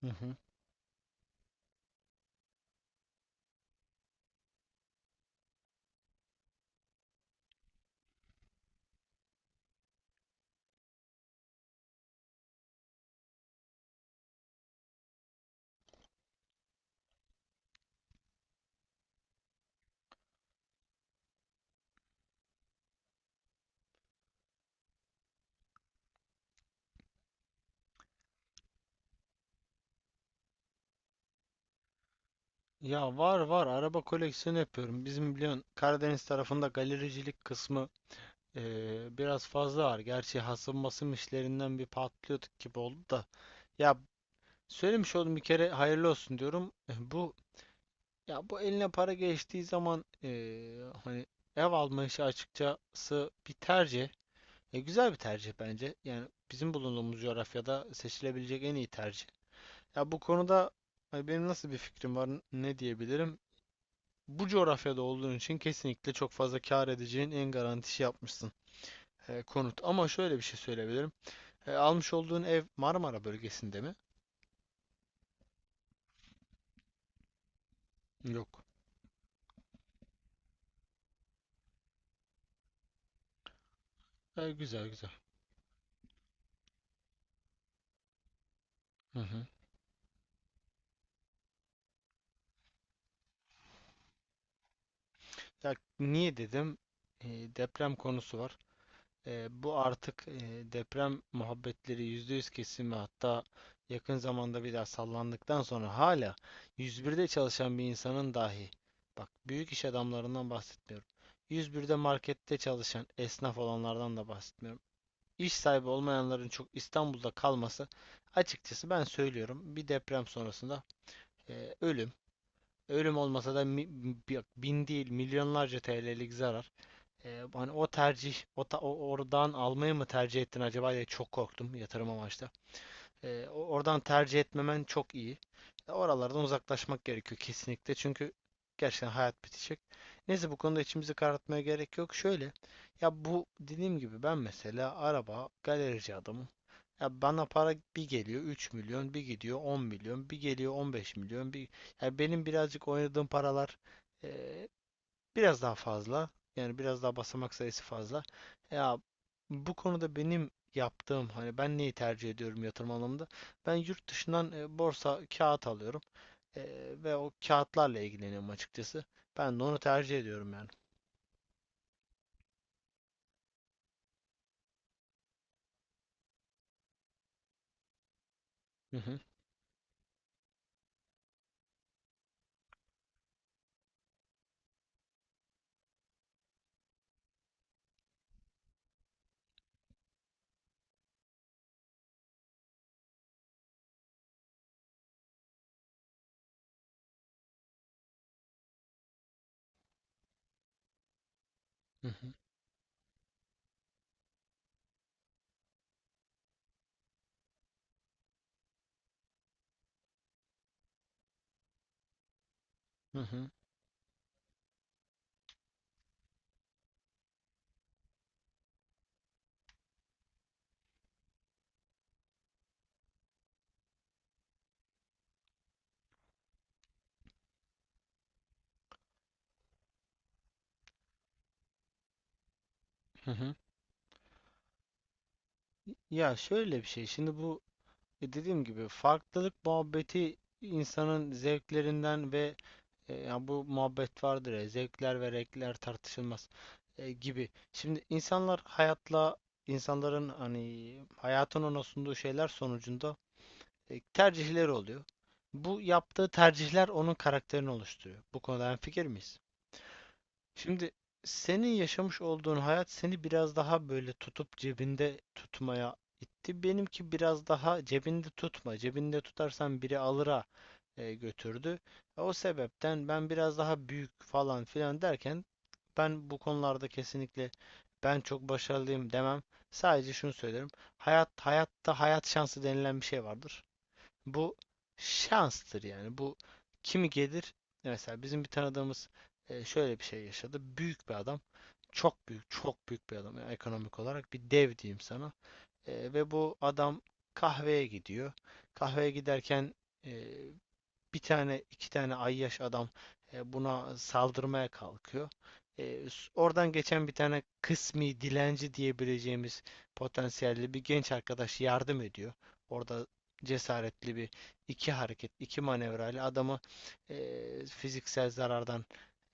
Hı hı. Ya var var araba koleksiyonu yapıyorum. Bizim biliyorsun Karadeniz tarafında galericilik kısmı biraz fazla var. Gerçi hasım basım işlerinden bir patlıyorduk gibi oldu da. Ya söylemiş oldum bir kere, hayırlı olsun diyorum. Eh, bu eline para geçtiği zaman hani ev alma işi açıkçası bir tercih. E, güzel bir tercih bence. Yani bizim bulunduğumuz coğrafyada seçilebilecek en iyi tercih. Ya bu konuda hani benim nasıl bir fikrim var, ne diyebilirim? Bu coğrafyada olduğun için kesinlikle çok fazla kâr edeceğin en garantisi yapmışsın, konut. Ama şöyle bir şey söyleyebilirim. E, almış olduğun ev Marmara bölgesinde mi? Yok. E, güzel güzel. Hı hı. Ya niye dedim? E, deprem konusu var. Bu artık deprem muhabbetleri %100 kesin ve hatta yakın zamanda bir daha sallandıktan sonra hala 101'de çalışan bir insanın dahi, bak, büyük iş adamlarından bahsetmiyorum. 101'de markette çalışan esnaf olanlardan da bahsetmiyorum. İş sahibi olmayanların çok İstanbul'da kalması, açıkçası ben söylüyorum, bir deprem sonrasında ölüm. Ölüm olmasa da bin değil milyonlarca TL'lik zarar. Hani o tercih, oradan almayı mı tercih ettin acaba diye çok korktum, yatırım amaçlı. Oradan tercih etmemen çok iyi. E, oralardan uzaklaşmak gerekiyor kesinlikle, çünkü gerçekten hayat bitecek. Neyse, bu konuda içimizi karartmaya gerek yok. Şöyle, ya bu dediğim gibi ben mesela araba, galerici adamım. Ya bana para bir geliyor 3 milyon, bir gidiyor 10 milyon, bir geliyor 15 milyon, bir... Ya benim birazcık oynadığım paralar e, biraz daha fazla. Yani biraz daha basamak sayısı fazla. Ya bu konuda benim yaptığım, hani ben neyi tercih ediyorum yatırım anlamında? Ben yurt dışından borsa kağıt alıyorum. E, ve o kağıtlarla ilgileniyorum açıkçası. Ben de onu tercih ediyorum yani. Hı hı. Hı hı. Hı hı. Hı hı. Ya şöyle bir şey. Şimdi bu dediğim gibi farklılık muhabbeti insanın zevklerinden ve... yani bu muhabbet vardır ya, zevkler ve renkler tartışılmaz gibi. Şimdi insanların hani hayatın ona sunduğu şeyler sonucunda tercihleri oluyor. Bu yaptığı tercihler onun karakterini oluşturuyor. Bu konuda hemfikir miyiz? Şimdi, senin yaşamış olduğun hayat seni biraz daha böyle tutup cebinde tutmaya itti. Benimki biraz daha cebinde tutma. Cebinde tutarsan biri alıra, götürdü. O sebepten ben biraz daha büyük falan filan derken, ben bu konularda kesinlikle ben çok başarılıyım demem. Sadece şunu söylerim. Hayat şansı denilen bir şey vardır. Bu şanstır yani. Bu kimi gelir? Mesela bizim bir tanıdığımız şöyle bir şey yaşadı. Büyük bir adam. Çok büyük, çok büyük bir adam. Yani ekonomik olarak bir dev diyeyim sana. Ve bu adam kahveye gidiyor. Kahveye giderken e, bir tane iki tane ayyaş adam buna saldırmaya kalkıyor. Oradan geçen bir tane kısmi dilenci diyebileceğimiz potansiyelli bir genç arkadaş yardım ediyor. Orada cesaretli bir iki hareket, iki manevrayla adamı fiziksel zarardan,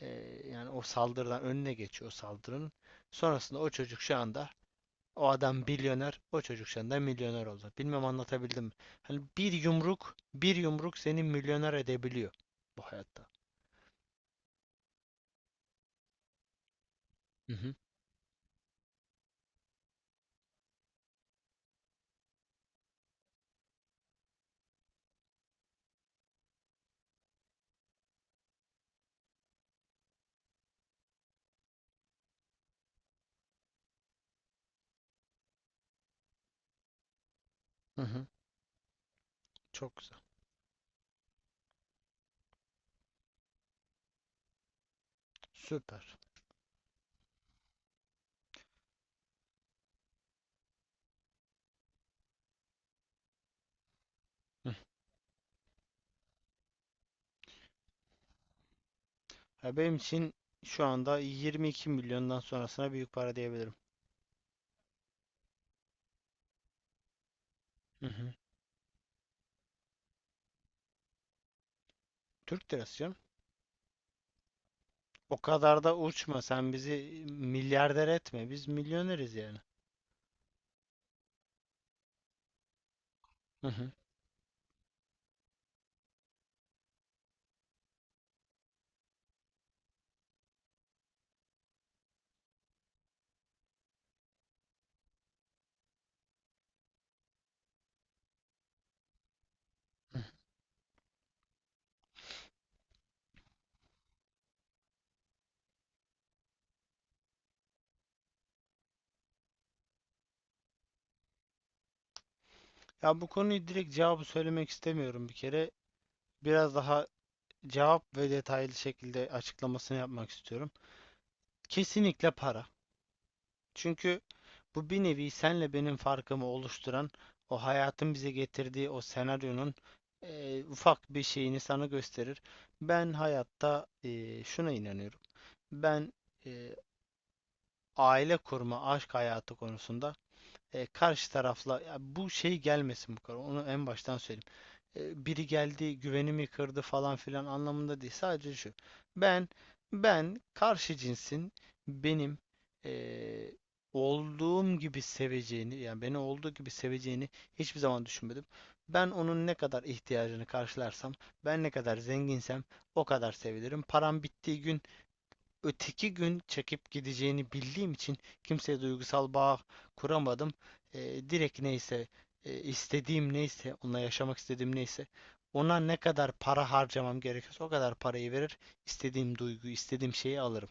e, yani o saldırıdan önüne geçiyor o saldırının. Sonrasında o çocuk şu anda, o adam milyoner, o çocuk şu milyoner oldu. Bilmem anlatabildim mi? Hani bir yumruk, bir yumruk seni milyoner edebiliyor bu hayatta. Hı hı. Hı hı. Çok güzel. Süper. Hı. Ya benim için şu anda 22 milyondan sonrasına büyük para diyebilirim. Hı hı. Türk lirası canım. O kadar da uçma. Sen bizi milyarder etme. Biz milyoneriz yani. Hı hı. Hı. Ya bu konuyu direkt cevabı söylemek istemiyorum bir kere. Biraz daha cevap ve detaylı şekilde açıklamasını yapmak istiyorum. Kesinlikle para. Çünkü bu bir nevi senle benim farkımı oluşturan, o hayatın bize getirdiği o senaryonun ufak bir şeyini sana gösterir. Ben hayatta şuna inanıyorum. Ben eee, aile kurma, aşk hayatı konusunda karşı tarafla ya bu şey gelmesin bu kadar. Onu en baştan söyleyeyim, biri geldi güvenimi kırdı falan filan anlamında değil. Sadece şu. Ben ben karşı cinsin benim e, olduğum gibi seveceğini, yani beni olduğu gibi seveceğini hiçbir zaman düşünmedim. Ben onun ne kadar ihtiyacını karşılarsam, ben ne kadar zenginsem o kadar sevilirim. Param bittiği gün öteki gün çekip gideceğini bildiğim için kimseye duygusal bağ kuramadım. Direkt neyse, istediğim neyse, onunla yaşamak istediğim neyse, ona ne kadar para harcamam gerekiyorsa o kadar parayı verir, istediğim duyguyu, istediğim şeyi alırım.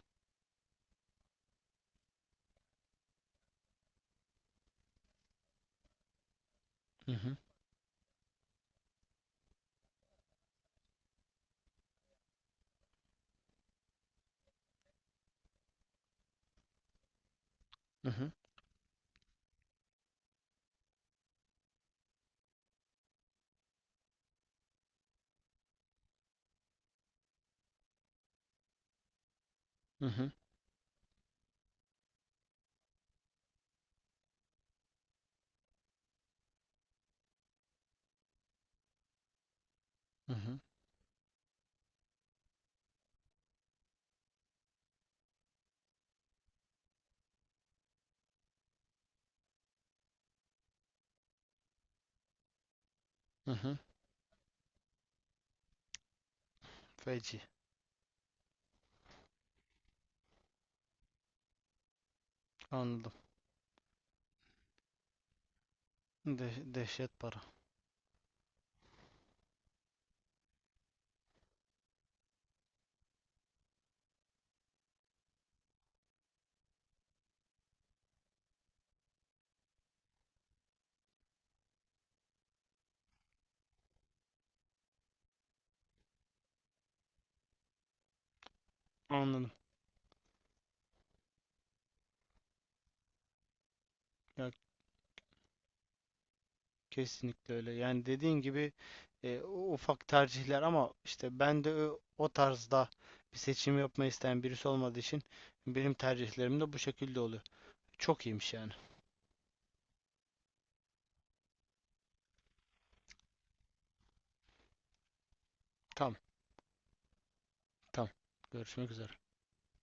Hı hı. Hı hı. Hı hı. Hı hı. Hı hı. Feci. Anladım. De dehşet para. Anladım. Ya kesinlikle öyle. Yani dediğin gibi ufak tercihler ama işte ben de o tarzda bir seçim yapmayı isteyen birisi olmadığı için benim tercihlerim de bu şekilde oluyor. Çok iyiymiş yani. Tamam, tamam. Görüşmek üzere.